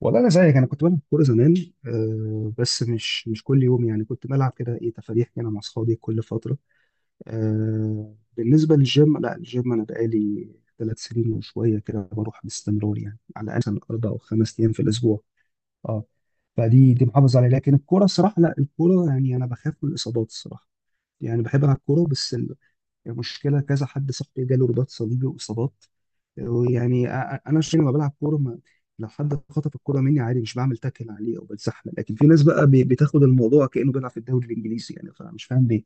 والله انا زيك، انا كنت بلعب كوره زمان. آه، بس مش كل يوم يعني. كنت بلعب كده، ايه، تفاريح كده مع اصحابي كل فتره. آه، بالنسبه للجيم، لا الجيم انا بقالي ثلاث سنين وشويه كده، بروح باستمرار يعني، على الاقل مثلاً اربع او خمس ايام في الاسبوع. اه، فدي دي محافظ عليها. لكن الكوره الصراحه، لا الكوره يعني انا بخاف من الاصابات الصراحه. يعني بحب العب كوره بس المشكله كذا حد صاحبي جاله رباط صليبي واصابات. ويعني انا عشان لما بلعب كوره ما، لو حد خطف الكوره مني عادي مش بعمل تاكل عليه او بتزحلق، لكن في ناس بقى بتاخد الموضوع كانه بيلعب في الدوري الانجليزي يعني، فمش فاهم ليه.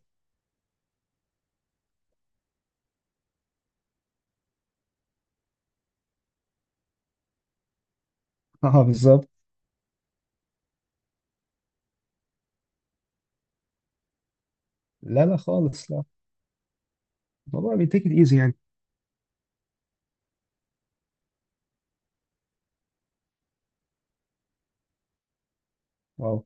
اه، بالظبت. لا لا، خالص لا. الموضوع بيتاكل ايزي يعني. واو.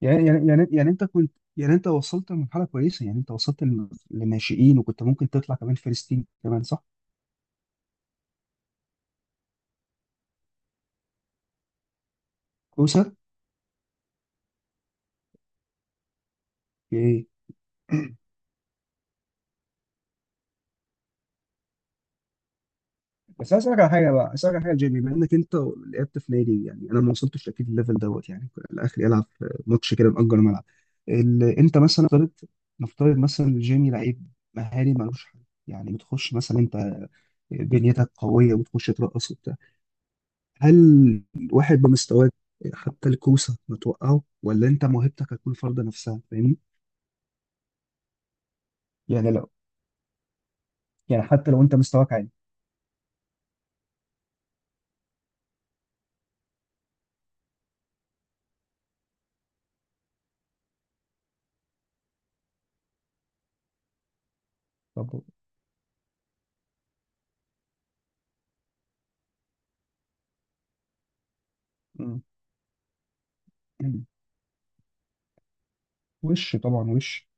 يعني انت كنت يعني، انت وصلت لمرحله كويسه يعني، انت وصلت لناشئين، وكنت ممكن تطلع كمان فلسطين كمان، صح؟ كوسه. بس عايز اسالك على حاجه بقى، عايز اسالك على حاجه يا جيمي. بما انك انت لعبت في نادي، يعني انا ما وصلتش اكيد الليفل دوت، يعني الاخر يلعب في ماتش كده نأجر ملعب. انت مثلا نفترض، نفترض مثلا جيمي لعيب مهاري ملوش حل. يعني بتخش مثلا انت، بنيتك قويه وبتخش ترقص وبتاع. هل واحد بمستواك حتى الكوسه ما توقعه، ولا انت موهبتك هتكون فرض نفسها، فاهمني؟ يعني لو، يعني حتى لو انت مستواك عالي. طب مم. وش طبعا، وش.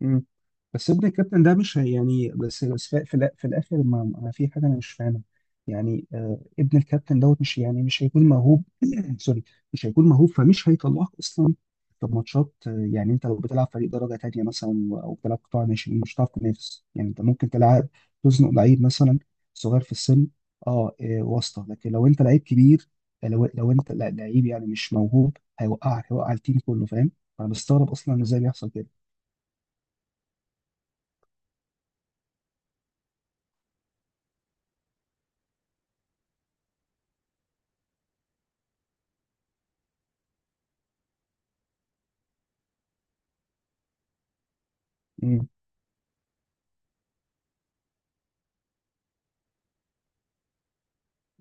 مم. بس ابن الكابتن ده مش يعني، بس في الاخر ما، في حاجه انا مش فاهمها. يعني آه، ابن الكابتن دوت مش يعني مش هيكون موهوب. سوري. مش هيكون موهوب، فمش هيطلعك اصلا في ماتشات. آه، يعني انت لو بتلعب فريق درجه تانيه مثلا او بتلعب قطاع ناشئين، مش هتعرف تنافس يعني. انت ممكن تلعب، تزنق لعيب مثلا صغير في السن، اه آه، واسطه. لكن لو انت لعيب كبير، لو انت لعيب يعني مش موهوب، هيوقعك، هيوقع التيم كله، فاهم. انا بستغرب اصلا ازاي بيحصل كده.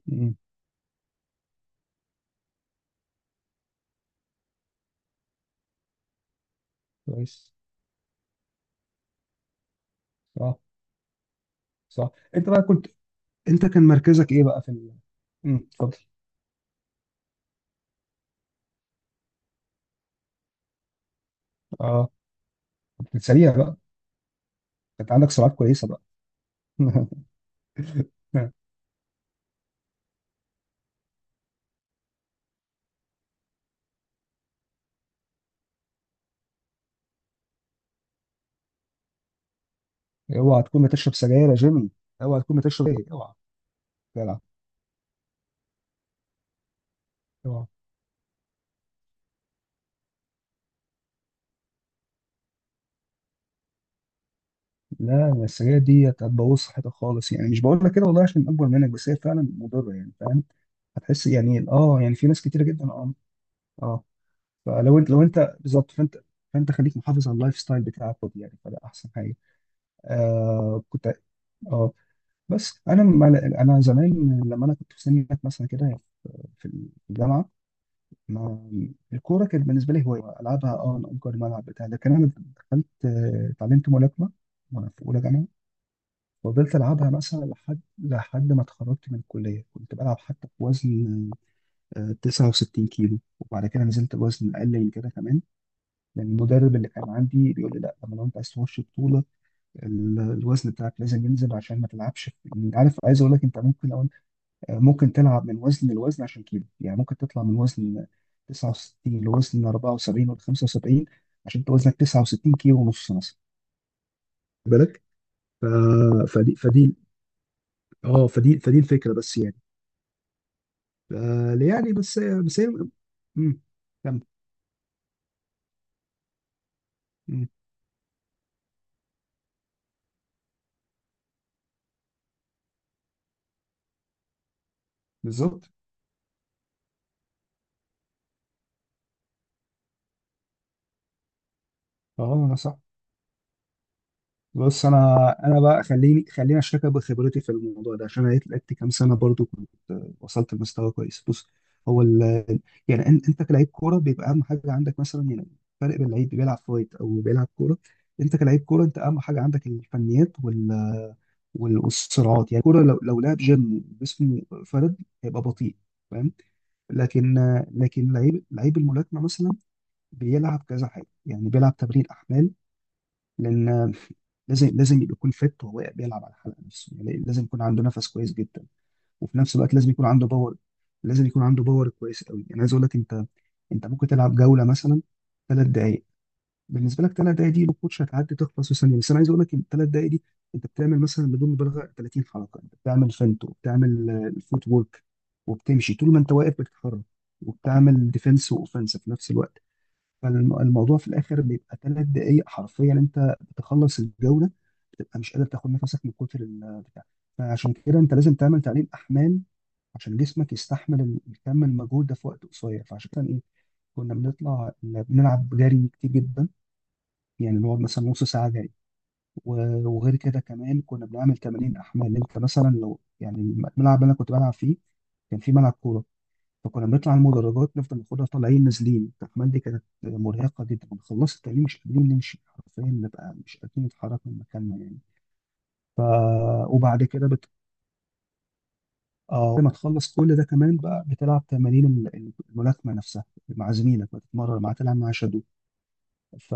مم. كويس. صح. صح. انت بقى كنت، انت كان مركزك ايه بقى في مم، اتفضل. اه، كنت سريع بقى. كانت عندك سرعات كويسه بقى. اوعى تكون بتشرب سجاير يا جيمي. اوعى تكون بتشرب ايه، اوعى. جدع. اوعى. لا، أنا السجاير دي هتبوظ صحتك خالص يعني. مش بقول لك كده والله عشان اكبر منك، بس هي فعلا مضره يعني، فاهم. هتحس يعني اه، يعني في ناس كتيره جدا اه. اه، فلو انت، لو انت بالظبط فانت، فانت خليك محافظ على اللايف ستايل بتاعك برضه يعني، فده احسن حاجه. آه كنت، اه بس انا ما انا زمان لما انا كنت في سنة مثلا كده في الجامعه، ما الكوره كانت بالنسبه لي هوايه العبها اه، انا اجر ملعب بتاع. لكن انا دخلت، آه، اتعلمت ملاكمه وانا في اولى جامعه. فضلت العبها مثلا لحد، ما اتخرجت من الكليه. كنت بلعب حتى في وزن آه، 69 كيلو، وبعد كده نزلت الوزن اقل من كده كمان. لان المدرب اللي كان عندي بيقول لي لا، لما لو انت عايز تخش بطوله الوزن بتاعك لازم ينزل عشان ما تلعبش يعني. عارف، عايز اقول لك انت ممكن لو، ممكن تلعب من وزن لوزن عشان كيلو يعني. ممكن تطلع من وزن 69 لوزن 74 ولا 75، عشان انت وزنك 69 كيلو ونص مثلا. خد بالك. ف... فدي اه فدي الفكره بس يعني. ف- يعني بس هي. مم. كمل. مم. بالظبط. اه، لا صح. بص، انا بقى، خليني اشاركك بخبرتي في الموضوع ده، عشان انا لعبت كام سنه برضو، كنت وصلت لمستوى كويس. بص، هو يعني انت كلاعب كوره بيبقى اهم حاجه عندك مثلا يعني، الفرق بين لعيب بيلعب فايت او بيلعب كوره. انت كلاعب كوره، انت اهم حاجه عندك الفنيات والصراعات يعني. الكوره لو لعب جيم جسمه فرد، هيبقى بطيء، فاهم. لكن لعيب، لعيب الملاكمه مثلا بيلعب كذا حاجه يعني، بيلعب تمرين احمال لان، لازم يكون فت وهو بيلعب على الحلقه نفسه، يعني إيه؟ لازم يكون عنده نفس كويس جدا، وفي نفس الوقت لازم يكون عنده باور، كويس قوي. يعني عايز اقول لك انت، انت ممكن تلعب جوله مثلا ثلاث دقائق. بالنسبه لك ثلاث دقائق دي الكوتش هتعدي تخلص في ثانيه، بس انا عايز اقول لك ان الثلاث دقائق دي انت بتعمل مثلا بدون مبالغه 30 حركه. انت بتعمل فنت وبتعمل آه، الفوت وورك، وبتمشي طول ما انت واقف بتتحرك، وبتعمل ديفense واوفنس في نفس الوقت. فالموضوع في الاخر بيبقى ثلاث دقائق، حرفيا انت بتخلص الجوله بتبقى مش قادر تاخد نفسك من كتر البتاع. فعشان كده انت لازم تعمل تقليل احمال عشان جسمك يستحمل الكم المجهود ده في وقت قصير. فعشان كده ايه، كنا بنطلع بنلعب جري كتير جدا. يعني نقعد مثلا نص ساعه جري، وغير كده كمان كنا بنعمل تمارين احمال. انت مثلا لو يعني الملعب اللي انا كنت بلعب فيه كان في ملعب كوره، فكنا بنطلع المدرجات نفضل ناخدها طالعين نازلين. التحمال دي كانت مرهقه جدا. كنا خلصت التعليم مش قادرين نمشي حرفيا، نبقى مش قادرين نتحرك من مكاننا يعني. ف، وبعد كده آه بعد ما تخلص كل ده كمان بقى، بتلعب تمارين الملاكمه نفسها مع زميلك، بتتمرن مع، تلعب مع شادو. ف،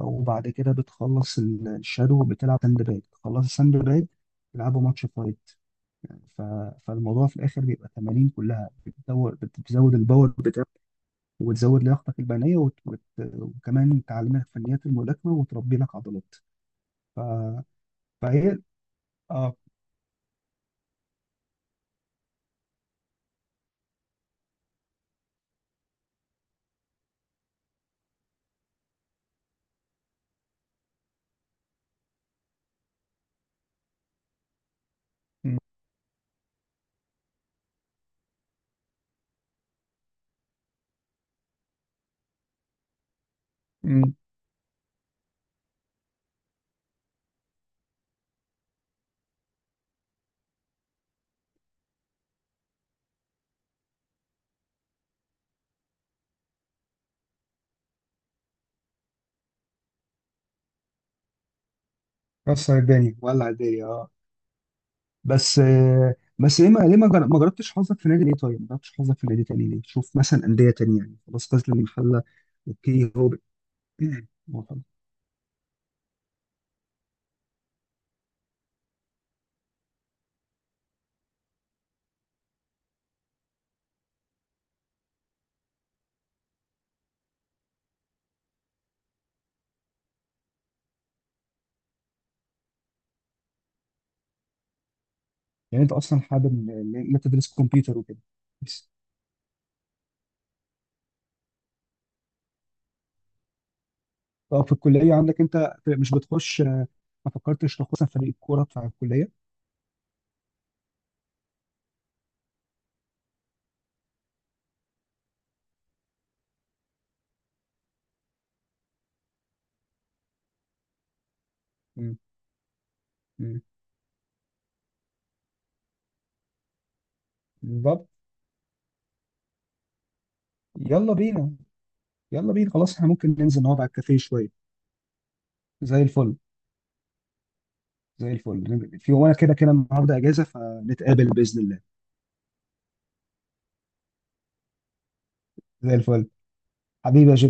وبعد كده بتخلص الشادو، بتلعب ساند باج، تخلص الساند باج، تلعبوا ماتش فايت. ف... فالموضوع في الاخر بيبقى تمارين كلها بتدور بتزود الباور، وتزود لياقتك البدنيه، وكمان تعلمك فنيات الملاكمه وتربي لك عضلات. ف... فهي. اه. م- م- كسر الدنيا، ولع الدنيا، اه. بس آه، بس ليه ما، ما جربتش حظك في نادي ليه طيب؟ ما جربتش حظك في نادي تاني ليه؟ شوف مثلا أندية تانية يعني، خلاص غزل المحلة. اوكي، هو هو حلو. يعني انت اصلا حابب ان، إن انت تدرس كمبيوتر وكده بس. طب في الكلية عندك انت مش بتخش آه، ما فكرتش تخش مثلا فريق الكورة بتاع الكلية؟ مم. مم. يلا بينا. يلا بينا خلاص، احنا ممكن ننزل نقعد على الكافيه شوية. زي الفل. زي الفل، في، وانا كده كده النهارده اجازة، فنتقابل بإذن الله. زي الفل. حبيبي يا جبنا.